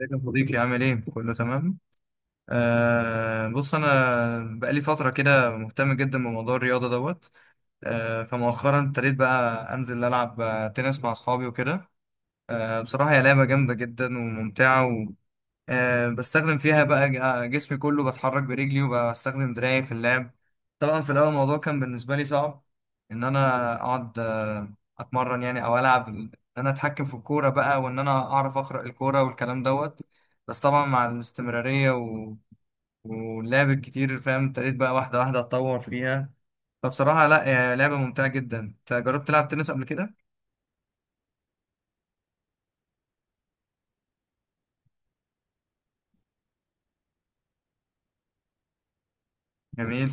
ازيك يا صديقي، عامل ايه؟ كله تمام؟ آه، بص، انا بقالي فترة كده مهتم جدا بموضوع الرياضة دوت. فمؤخرا ابتديت بقى انزل العب تنس مع اصحابي وكده. بصراحة هي لعبة جامدة جدا وممتعة. بستخدم فيها بقى جسمي كله بتحرك برجلي وبستخدم دراعي في اللعب. طبعا في الأول الموضوع كان بالنسبة لي صعب، إن أنا أقعد أتمرن يعني أو ألعب، إن أنا أتحكم في الكورة بقى وإن أنا أعرف أقرأ الكورة والكلام دوت. بس طبعا مع الاستمرارية واللعب الكتير فاهم، ابتديت بقى واحدة واحدة أتطور فيها. فبصراحة لا، هي لعبة ممتعة جدا. أنت جربت تلعب تنس قبل كده؟ جميل.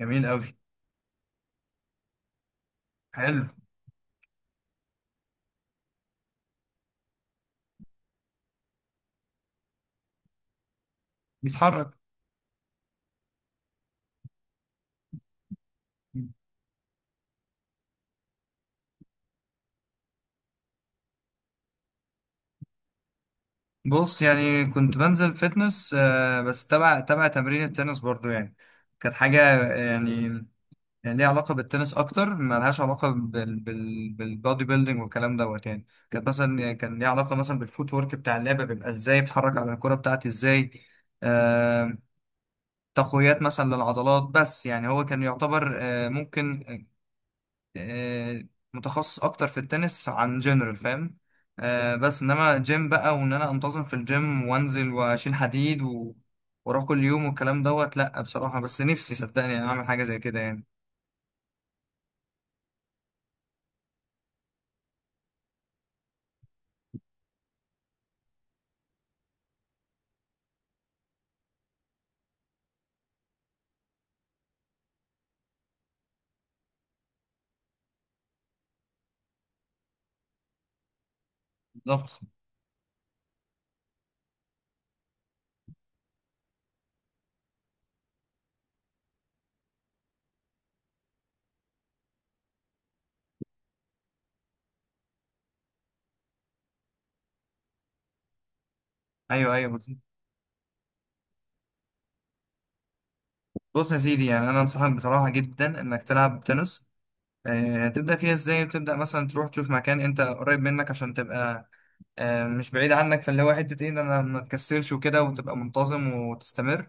جميل أوي. حلو. بيتحرك. بص، يعني كنت بنزل فتنس، بس تبع تمرين التنس برضو يعني. كانت حاجة يعني، يعني ليها علاقة بالتنس أكتر، ملهاش علاقة بالبودي بيلدينج والكلام دوت. يعني كانت مثلا، يعني كان ليها علاقة مثلا بالفوت ورك بتاع اللعبة، بيبقى إزاي بتحرك على الكرة بتاعتي إزاي. آه، تقويات مثلا للعضلات. بس يعني هو كان يعتبر ممكن آه، متخصص اكتر في التنس عن جنرال فاهم. بس انما جيم بقى، وان انا انتظم في الجيم وانزل واشيل حديد واروح كل يوم والكلام دوت. لا بصراحة، بس نفسي صدقني اعمل حاجة زي كده يعني. بالظبط. ايوه ايوه بص يا سيدي، يعني انا انصحك بصراحة جدا انك تلعب تنس. تبدأ فيها ازاي؟ تبدأ مثلا تروح تشوف مكان انت قريب منك عشان تبقى مش بعيد عنك. فاللي هو حتة ايه، إن انا ما تكسلش وكده وتبقى منتظم وتستمر.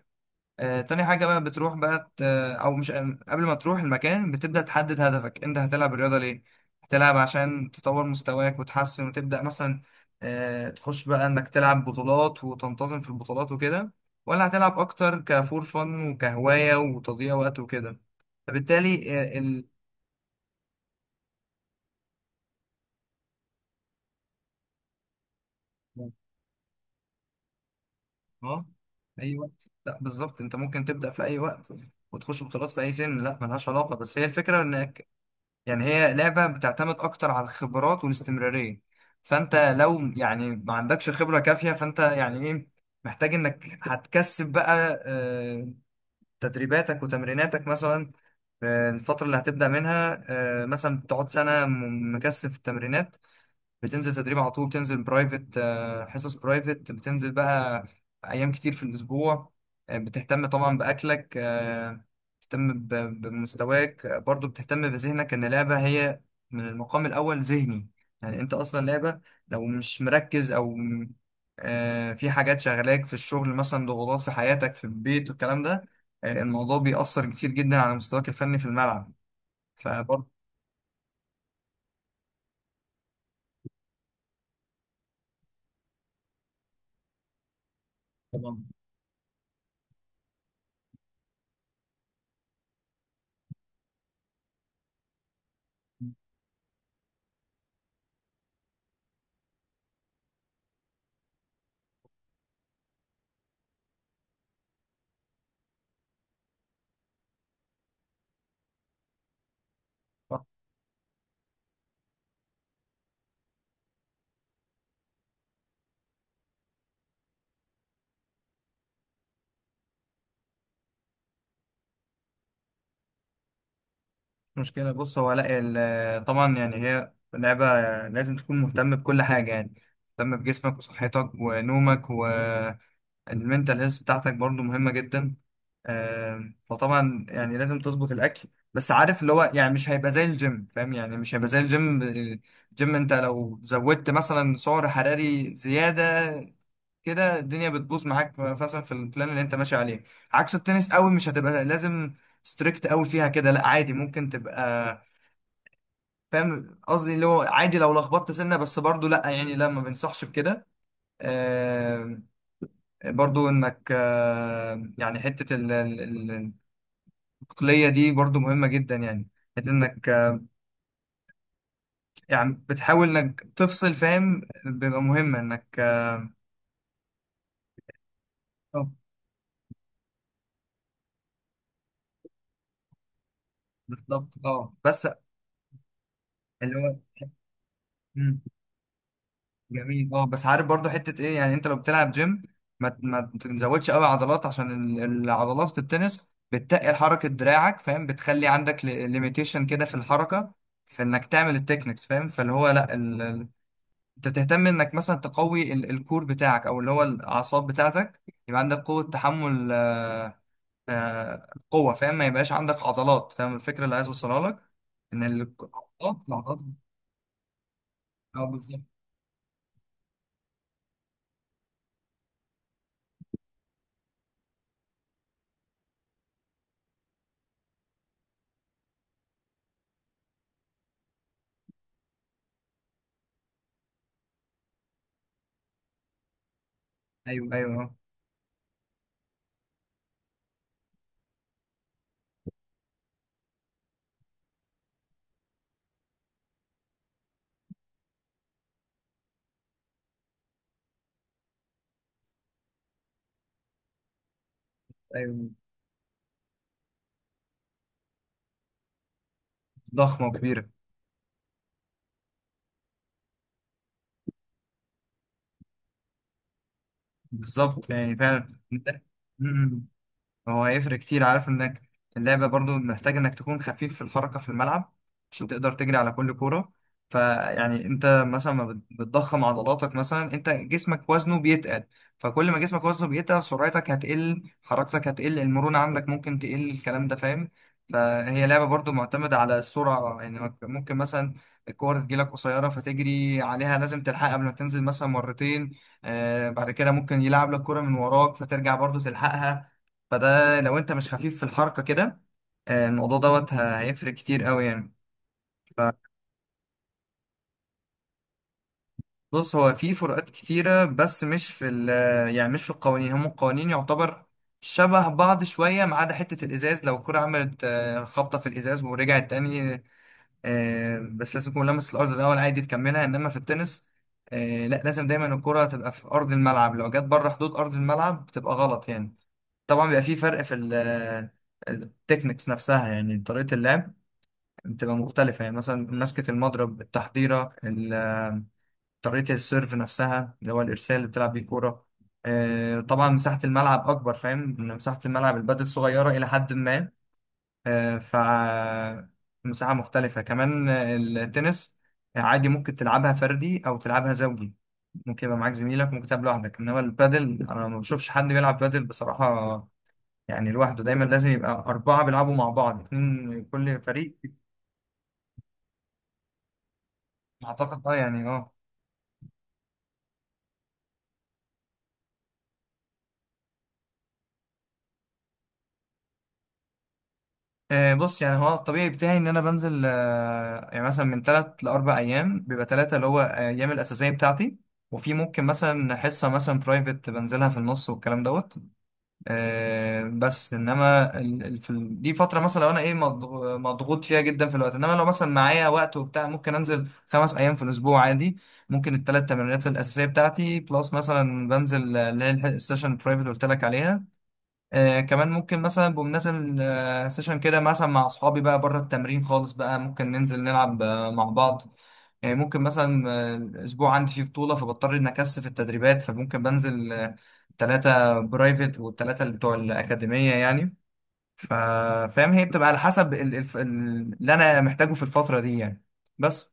تاني حاجة بقى، بتروح بقى أو مش قبل ما تروح المكان، بتبدأ تحدد هدفك. أنت هتلعب الرياضة ليه؟ هتلعب عشان تطور مستواك وتحسن وتبدأ مثلا تخش بقى إنك تلعب بطولات وتنتظم في البطولات وكده، ولا هتلعب أكتر كفور فن وكهواية وتضييع وقت وكده؟ فبالتالي آه، ال آه، أي وقت، لا بالظبط، أنت ممكن تبدأ في أي وقت وتخش بطولات في أي سن، لا ملهاش علاقة. بس هي الفكرة إنك، يعني هي لعبة بتعتمد أكتر على الخبرات والاستمرارية. فأنت لو يعني ما عندكش خبرة كافية، فأنت يعني إيه، محتاج إنك هتكثف بقى تدريباتك وتمريناتك مثلا الفترة اللي هتبدأ منها. مثلا بتقعد سنة مكثف التمرينات، بتنزل تدريب على طول، بتنزل برايفت حصص برايفت، بتنزل بقى ايام كتير في الاسبوع. بتهتم طبعا باكلك، بتهتم بمستواك، برضو بتهتم بذهنك، ان اللعبه هي من المقام الاول ذهني. يعني انت اصلا لعبه لو مش مركز او في حاجات شغلاك في الشغل مثلا، ضغوطات في حياتك في البيت والكلام ده، الموضوع بيأثر كتير جدا على مستواك الفني في الملعب. فبرضه طبعا مشكلة. بص، هو لا طبعا يعني هي لعبة لازم تكون مهتم بكل حاجة يعني، مهتم بجسمك وصحتك ونومك والمنتال هيلث بتاعتك برضو مهمة جدا. فطبعا يعني لازم تظبط الأكل، بس عارف اللي هو يعني مش هيبقى زي الجيم فاهم، يعني مش هيبقى زي الجيم. الجيم انت لو زودت مثلا سعر حراري زيادة كده، الدنيا بتبوظ معاك مثلا في البلان اللي انت ماشي عليه. عكس التنس، قوي مش هتبقى لازم ستريكت قوي فيها كده، لا عادي ممكن تبقى فاهم قصدي، اللي هو عادي لو لخبطت سنه. بس برضو لا يعني لا، ما بنصحش بكده. آه، برضو انك يعني حته ال- العقليه دي برضو مهمه جدا يعني، حته انك يعني بتحاول انك تفصل فاهم، بيبقى مهمه انك بالظبط. اه بس اللي هو مم. جميل. اه بس عارف برضو حتة ايه، يعني انت لو بتلعب جيم ما تزودش قوي عضلات، عشان العضلات في التنس بتقل حركة دراعك فاهم، بتخلي عندك ليميتيشن كده في الحركة، في انك تعمل التكنيكس فاهم. فاللي هو لا انت تهتم انك مثلا تقوي الكور بتاعك، او اللي هو الاعصاب بتاعتك، يبقى عندك قوة تحمل، قوة فاهم، ما يبقاش عندك عضلات فاهم. الفكرة اللي عايز اوصلها لك ان العضلات اه بالظبط. ايوه ايوه أه. ايوه ضخمة وكبيرة. بالظبط يعني فعلا م. م. هو هيفرق كتير، عارف انك اللعبة برضو محتاج انك تكون خفيف في الحركة في الملعب عشان تقدر تجري على كل كورة. فيعني انت مثلا ما بت- بتضخم عضلاتك، مثلا انت جسمك وزنه بيتقل، فكل ما جسمك وزنه بيتقل، سرعتك هتقل، حركتك هتقل، المرونة عندك ممكن تقل، الكلام ده فاهم. فهي لعبة برضو معتمدة على السرعة، يعني ممكن مثلا الكورة تجيلك قصيرة فتجري عليها، لازم تلحقها قبل ما تنزل مثلا مرتين. آه بعد كده ممكن يلعب لك كورة من وراك فترجع برضو تلحقها. فده لو انت مش خفيف في الحركة كده، الموضوع دوت هيفرق كتير قوي يعني. فبص، هو في فروقات كتيرة، بس مش في القوانين. هم القوانين يعتبر شبه بعض شوية، ما عدا حتة الإزاز، لو الكرة عملت خبطة في الإزاز ورجعت تاني، بس لازم تكون لمست الأرض الأول، عادي تكملها. إنما في التنس لا، لازم دايما الكرة تبقى في أرض الملعب، لو جت بره حدود أرض الملعب بتبقى غلط يعني. طبعا بيبقى في فرق في التكنيكس نفسها، يعني طريقة اللعب بتبقى مختلفة، يعني مثلا مسكة المضرب، التحضيرة طريقة السيرف نفسها، اللي هو الإرسال اللي بتلعب بيه كورة. طبعا مساحة الملعب أكبر فاهم، إن مساحة الملعب البادل صغيرة إلى حد ما. آه، ف مساحة مختلفة كمان. التنس عادي ممكن تلعبها فردي أو تلعبها زوجي، ممكن يبقى معاك زميلك، ممكن تلعب لوحدك. إنما البادل أنا ما بشوفش حد بيلعب بادل بصراحة يعني لوحده، دايما لازم يبقى 4 بيلعبوا مع بعض، 2 كل فريق. أعتقد أه يعني أه. بص يعني هو الطبيعي بتاعي ان انا بنزل يعني مثلا من ثلاث لاربع ايام، بيبقى ثلاثه اللي هو ايام الاساسيه بتاعتي، وفي ممكن مثلا حصه مثلا برايفت بنزلها في النص والكلام دوت. بس انما دي فتره مثلا لو انا ايه مضغوط فيها جدا في الوقت، انما لو مثلا معايا وقت وبتاع ممكن انزل 5 ايام في الاسبوع عادي. ممكن الثلاث تمرينات الاساسيه بتاعتي بلس مثلا بنزل اللي هي السيشن البرايفت اللي قلت لك عليها. آه كمان ممكن مثلا بمناسبة آه سيشن كده مثلا مع أصحابي بقى بره التمرين خالص بقى، ممكن ننزل نلعب آه مع بعض. يعني ممكن مثلا آه الأسبوع عندي فيه بطولة، فبضطر إن أكثف التدريبات، فممكن بنزل آه تلاتة برايفت والتلاتة اللي بتوع الأكاديمية يعني. ف- فاهم، هي بتبقى على حسب اللي أنا محتاجه في الفترة دي يعني بس.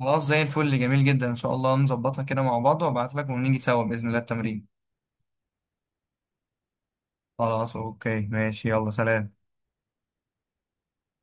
خلاص زي الفل، جميل جدا، إن شاء الله نظبطها كده مع بعض وأبعت لك ونيجي سوا بإذن الله التمرين. خلاص أوكي ماشي، يلا سلام.